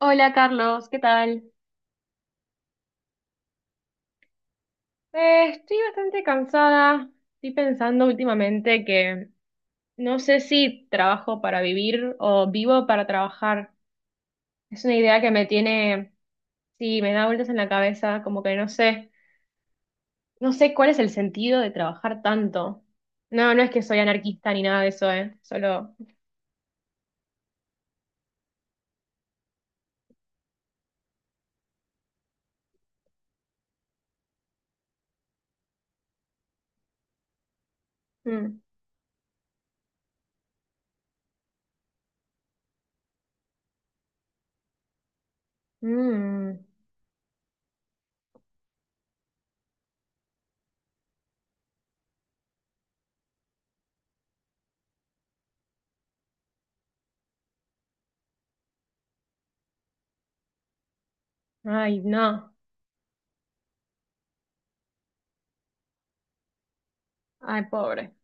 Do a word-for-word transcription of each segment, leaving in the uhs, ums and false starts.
Hola Carlos, ¿qué tal? Eh, estoy bastante cansada. Estoy pensando últimamente que no sé si trabajo para vivir o vivo para trabajar. Es una idea que me tiene, sí, me da vueltas en la cabeza, como que no sé, no sé cuál es el sentido de trabajar tanto. No, no es que soy anarquista ni nada de eso, ¿eh? Solo... mm, mm, ay, no. Ay, pobre.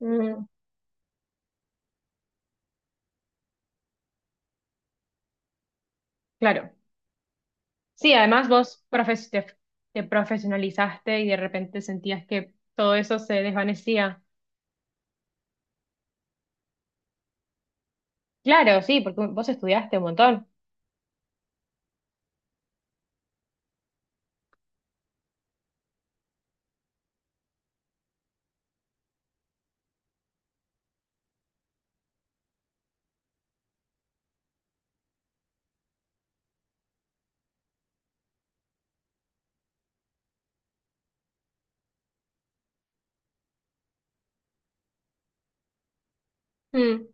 Mm, claro. Sí, además vos profes- te, te profesionalizaste y de repente sentías que todo eso se desvanecía. Claro, sí, porque vos estudiaste un montón. Mm. O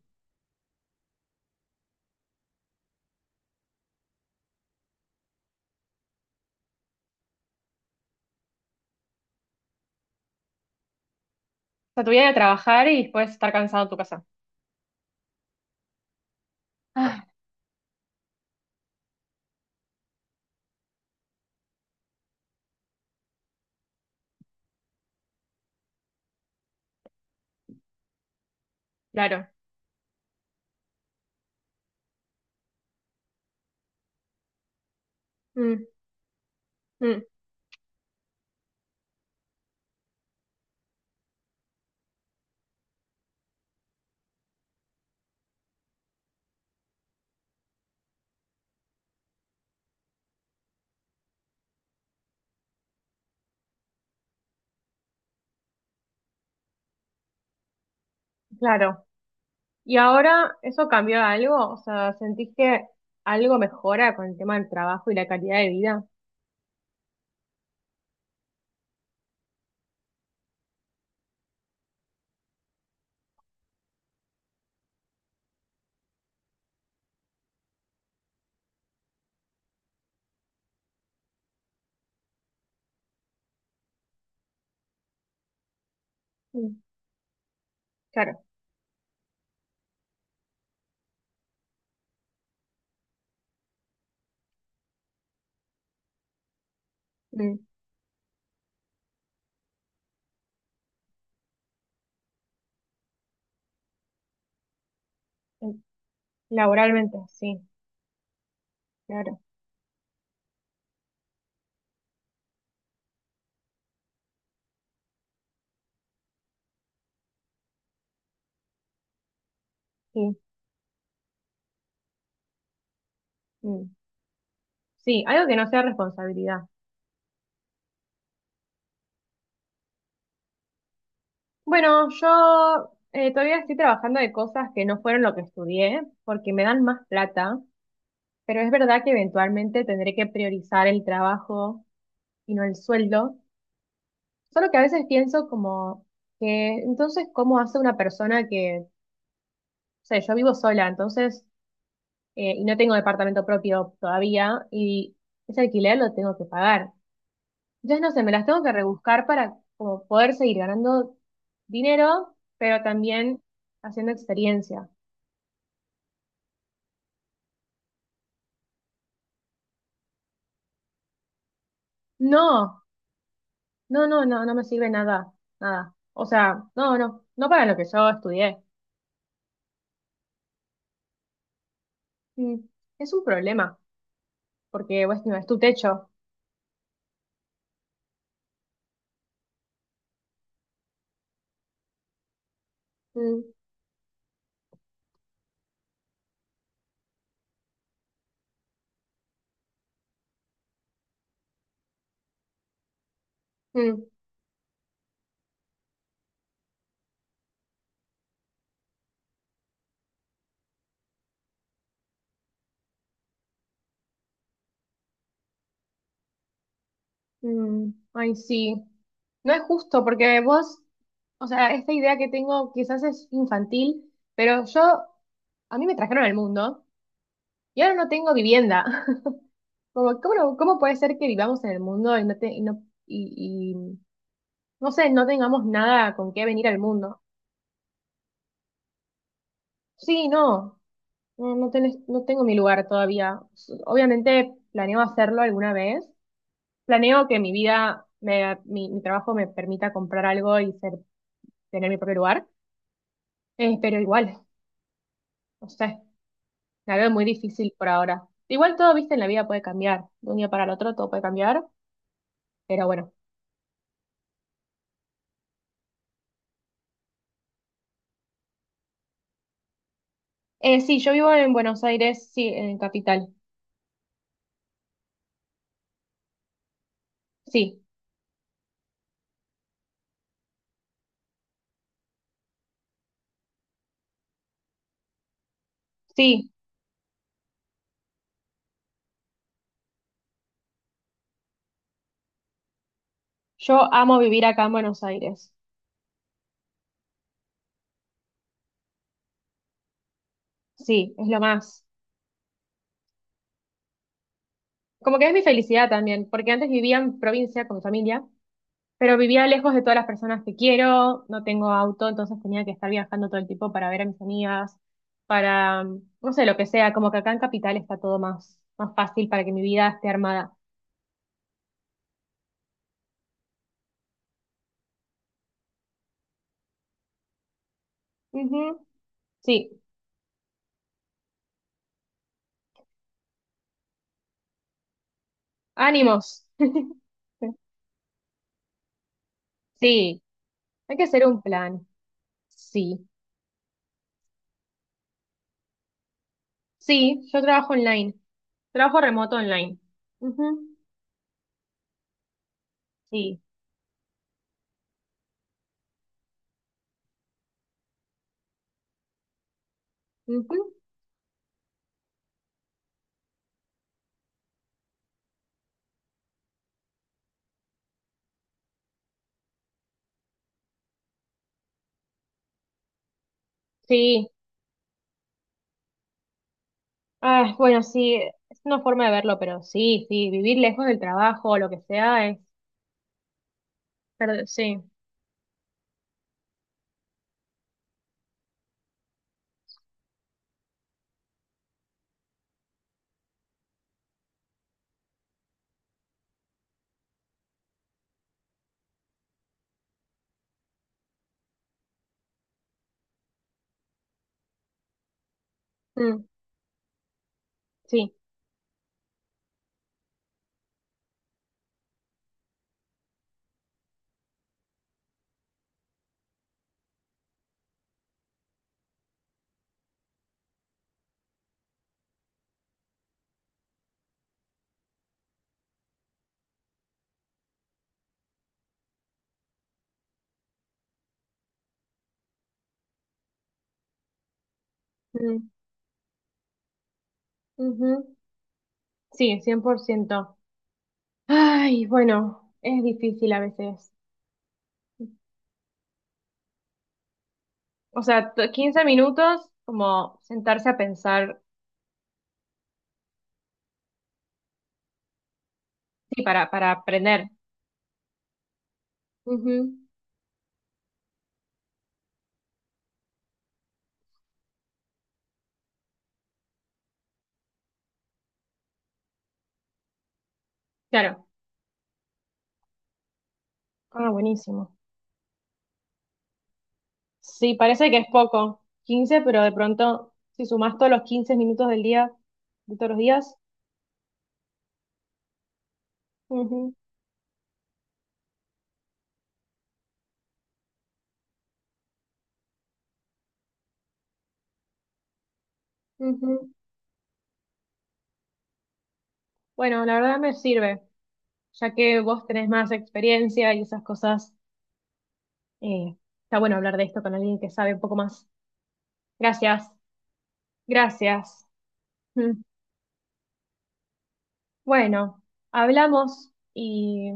sea, tu vida era trabajar y después estar cansado en tu casa. Ah, claro. Mm, mm, claro. ¿Y ahora eso cambió algo? O sea, ¿sentís que algo mejora con el tema del trabajo y la calidad de vida? Mm, claro. Mm, mm. Laboralmente, sí, claro. Sí. Mm. Sí, algo que no sea responsabilidad. Bueno, yo eh, todavía estoy trabajando de cosas que no fueron lo que estudié, porque me dan más plata, pero es verdad que eventualmente tendré que priorizar el trabajo y no el sueldo. Solo que a veces pienso como que, entonces, ¿cómo hace una persona que, o sea, yo vivo sola, entonces, eh, y no tengo departamento propio todavía, y ese alquiler lo tengo que pagar. Entonces, no sé, me las tengo que rebuscar para como poder seguir ganando dinero, pero también haciendo experiencia. No, no, no, no, no me sirve nada, nada. O sea, no, no, no para lo que yo estudié. Mm. Es un problema, porque bueno, es tu techo. Mm, mm, mm, Ay, sí. No es justo, porque vos, o sea, esta idea que tengo quizás es infantil, pero yo, a mí me trajeron al mundo y ahora no tengo vivienda. Como, ¿cómo, no- cómo puede ser que vivamos en el mundo y no, te- y no, y, y, no sé, no tengamos nada con qué venir al mundo? Sí, no. No, no tenés- no tengo mi lugar todavía. S- Obviamente planeo hacerlo alguna vez. Planeo que mi vida, me- mi, mi trabajo me permita comprar algo y ser, tener mi propio lugar. Eh, pero igual, no sé, la veo muy difícil por ahora. Igual todo, viste, en la vida puede cambiar. De un día para el otro todo puede cambiar, pero bueno. Eh, sí, yo vivo en Buenos Aires, sí, en Capital. Sí, sí, yo amo vivir acá en Buenos Aires. Sí, es lo más. Como que es mi felicidad también, porque antes vivía en provincia con mi familia. Pero vivía lejos de todas las personas que quiero, no tengo auto, entonces tenía que estar viajando todo el tiempo para ver a mis amigas, para, no sé, lo que sea, como que acá en Capital está todo más, más fácil para que mi vida esté armada. Ujú. Sí, ánimos. Sí, hay que hacer un plan. Sí, sí, yo trabajo online, trabajo remoto online. Ujú. Sí, ujú. Sí, ah, bueno, sí, es una forma de verlo, pero sí, sí, vivir lejos del trabajo o lo que sea. Pero sí, mm, sí, mm, ujú, sí, cien por ciento. Ay, bueno, es difícil a veces. O sea, t- quince minutos como sentarse a pensar, sí, para, para aprender. Ujú. Claro. Ah, buenísimo. Sí, parece que es poco, quince pero de pronto, si sumás todos los quince minutos del día, de todos los días, ujú, ujú. Bueno, la verdad me sirve, ya que vos tenés más experiencia y esas cosas. Eh, está bueno hablar de esto con alguien que sabe un poco más. Gracias, gracias. Mm. Bueno, hablamos y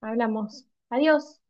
hablamos. Adiós.